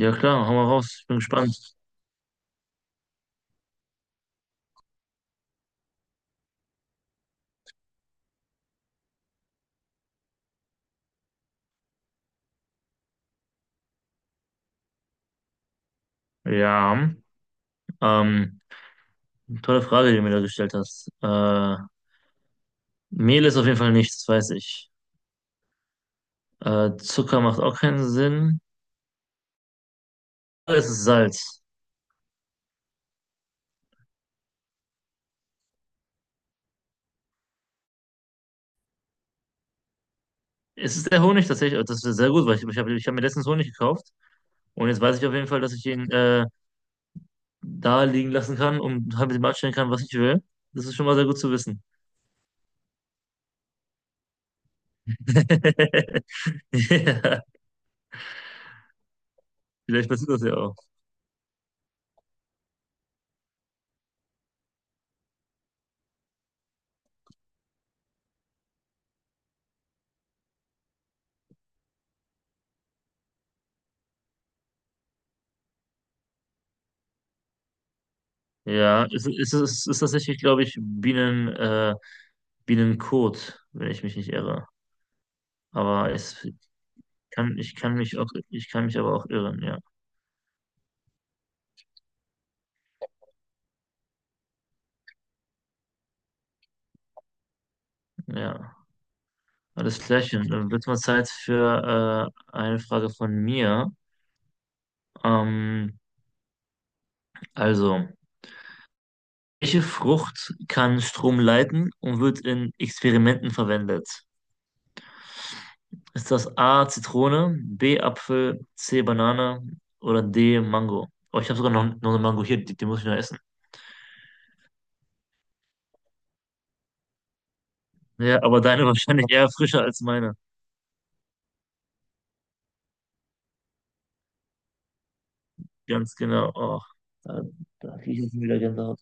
Ja klar, hau mal raus. Ich bin gespannt. Ja, ähm, tolle Frage, die du mir da gestellt hast. Mehl ist auf jeden Fall nichts, das weiß ich. Zucker macht auch keinen Sinn. Es ist Salz. Es ist der Honig tatsächlich, das ist sehr gut, weil ich hab mir letztens Honig gekauft, und jetzt weiß ich auf jeden Fall, dass ich ihn da liegen lassen kann und halt mit ihm anstellen kann, was ich will. Das ist schon mal sehr gut zu wissen. Ja, vielleicht passiert das ja auch. Ja, es ist tatsächlich, glaube ich, Bienen. Billancourt, wenn ich mich nicht irre. Aber es kann, ich kann mich aber auch irren, ja. Ja. Alles klärchen. Dann wird mal Zeit für eine Frage von mir. Ähm, also, welche Frucht kann Strom leiten und wird in Experimenten verwendet? Ist das A Zitrone, B Apfel, C Banane oder D Mango? Oh, ich habe sogar noch eine Mango hier, die, die muss ich noch essen. Ja, aber deine wahrscheinlich eher frischer als meine. Ganz genau. Oh, da, da kriege ich jetzt wieder Gänsehaut.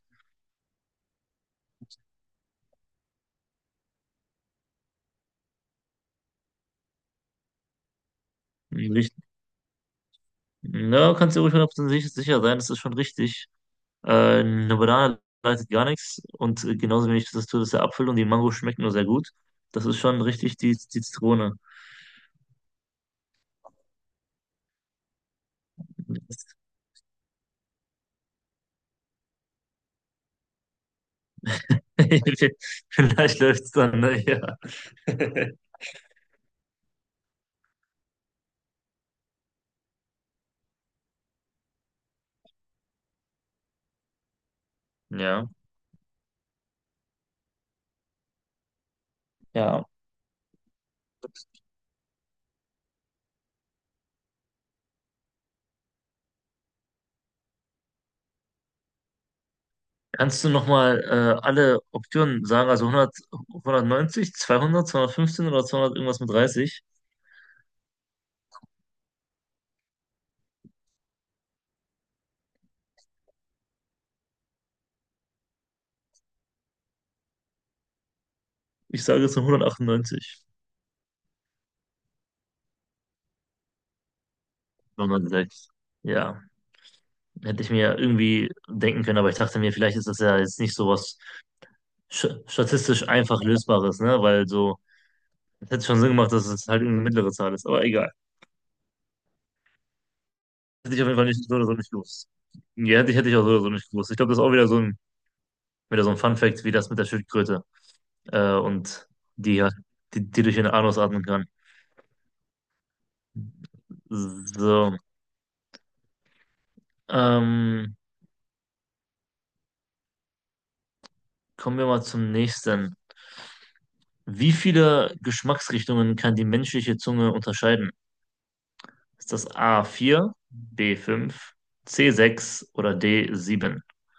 Richtig. Na, kannst dir ruhig 100% sicher sein, das ist schon richtig. Äh, eine Banane leitet gar nichts, und genauso wenig das tut es der Apfel, und die Mango schmeckt nur sehr gut. Das ist schon richtig, die, die Zitrone. Vielleicht läuft es dann, ne? Ja. Ja. Ja. Kannst du nochmal alle Optionen sagen? Also 100, 190, 200, 215 oder 200 irgendwas mit 30? Ich sage jetzt nur 198. 106. Ja, hätte ich mir irgendwie denken können, aber ich dachte mir, vielleicht ist das ja jetzt nicht so was statistisch einfach Lösbares, ne? Weil so, es hätte schon Sinn gemacht, dass es halt irgendeine mittlere Zahl ist, aber egal. Hätte ich auf jeden Fall nicht, so oder so nicht gewusst. Ja, hätte ich auch so oder so nicht gewusst. Ich glaube, das ist auch wieder so ein Fun-Fact, wie das mit der Schildkröte, und die, ja- die, die durch ihren Anus atmen kann. So, ähm, kommen wir mal zum nächsten. Wie viele Geschmacksrichtungen kann die menschliche Zunge unterscheiden? Ist das a vier, b 5, c sechs oder d sieben?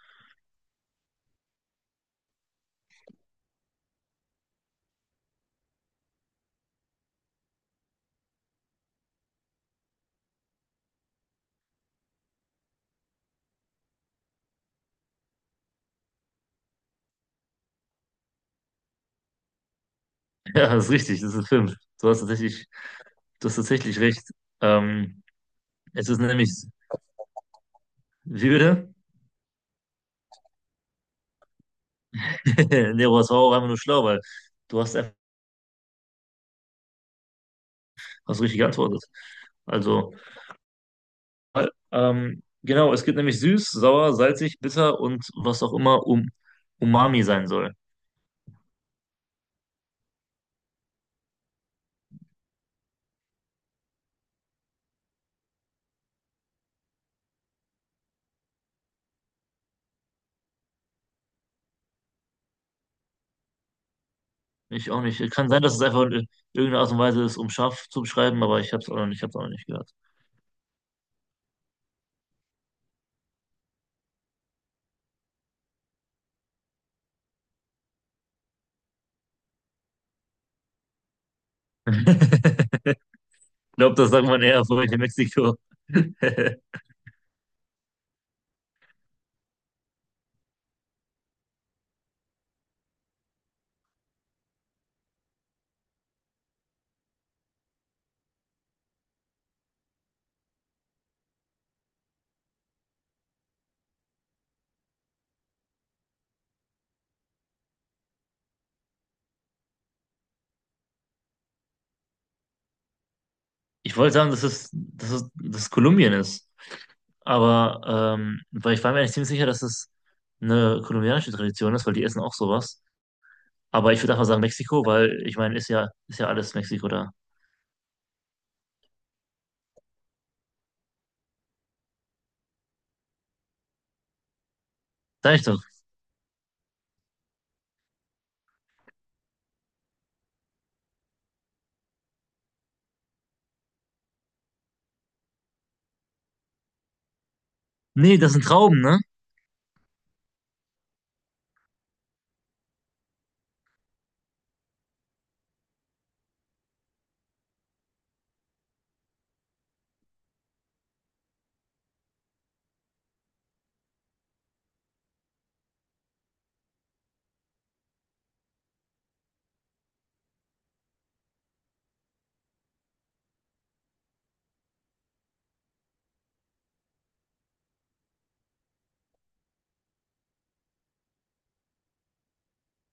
Ja, das ist richtig, das ist fünf. Du hast tatsächlich, du hast tatsächlich recht. Ähm, es ist nämlich, wie bitte? Nee, aber das war auch einfach nur schlau, weil du hast richtig geantwortet. Also, genau, es gibt nämlich süß, sauer, salzig, bitter und was auch immer um Umami sein soll. Ich auch nicht. Kann sein, dass es einfach in irgendeiner Art und Weise ist, um scharf zu beschreiben, aber ich habe es auch noch nicht, ich hab's auch noch nicht gehört. Ich glaube, das sagt man eher so in Mexiko. Ich wollte sagen, dass es Kolumbien ist. Weil ich war mir eigentlich ziemlich sicher, dass es eine kolumbianische Tradition ist, weil die essen auch sowas. Aber ich würde einfach sagen Mexiko, weil ich meine, ist ja alles Mexiko da. Sag ich doch. Nee, das sind Trauben, ne?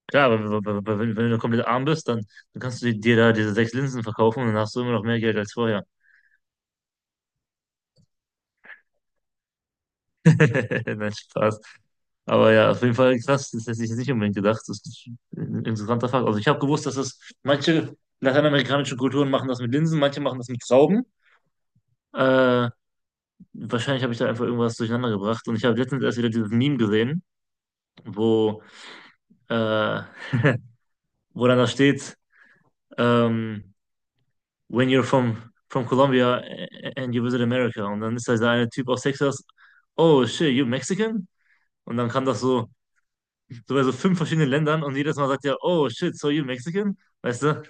Klar, aber wenn, wenn du komplett arm bist, dann, dann kannst du dir da diese sechs Linsen verkaufen, und dann hast du immer noch mehr Geld als vorher. Nein, Spaß. Aber ja, auf jeden Fall krass, das hätte ich jetzt nicht unbedingt gedacht. Das ist ein interessanter Fakt. Also ich habe gewusst, dass das manche lateinamerikanische Kulturen machen, das mit Linsen, manche machen das mit Trauben. Äh, wahrscheinlich habe ich da einfach irgendwas durcheinander gebracht. Und ich habe letztens erst wieder dieses Meme gesehen, wo, äh, wo dann da steht, ähm, when you're from, from Colombia and you visit America. Und dann ist da dieser eine Typ aus Texas, oh shit, you Mexican? Und dann kam das so, so bei so fünf verschiedenen Ländern, und jedes Mal sagt er, oh shit, so you Mexican? Weißt du?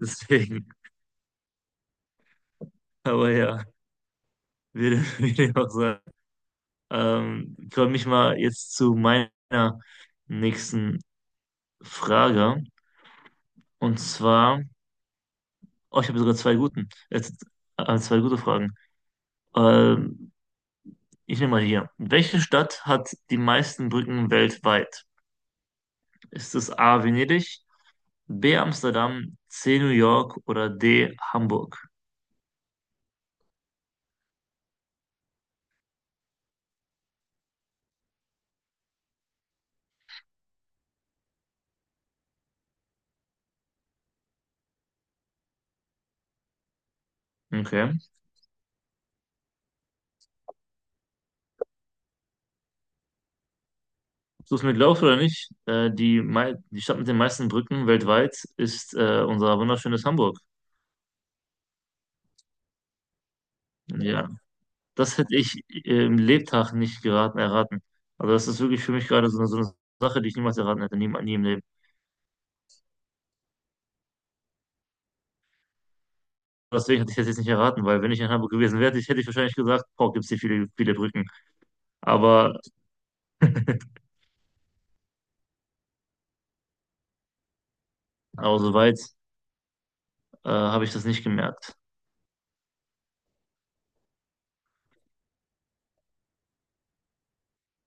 Deswegen, aber ja, würde, würde ich auch sagen. Ich komme ich mal jetzt zu meiner nächsten Frage. Und zwar, oh, ich habe sogar zwei gute Fragen. Ähm, ich nehme mal hier. Welche Stadt hat die meisten Brücken weltweit? Ist es A. Venedig, B. Amsterdam, C. New York oder D. Hamburg? Okay. Du es mir glaubst oder nicht, die, die Stadt mit den meisten Brücken weltweit ist unser wunderschönes Hamburg. Ja, das hätte ich im Lebtag nicht geraten, erraten. Also das ist wirklich für mich gerade so eine Sache, die ich niemals erraten hätte, nie, nie im Leben. Deswegen hätte ich das jetzt nicht erraten, weil wenn ich in Hamburg gewesen wäre, hätte ich wahrscheinlich gesagt, boah, gibt es hier viele, viele Brücken. Aber, aber soweit habe ich das nicht gemerkt.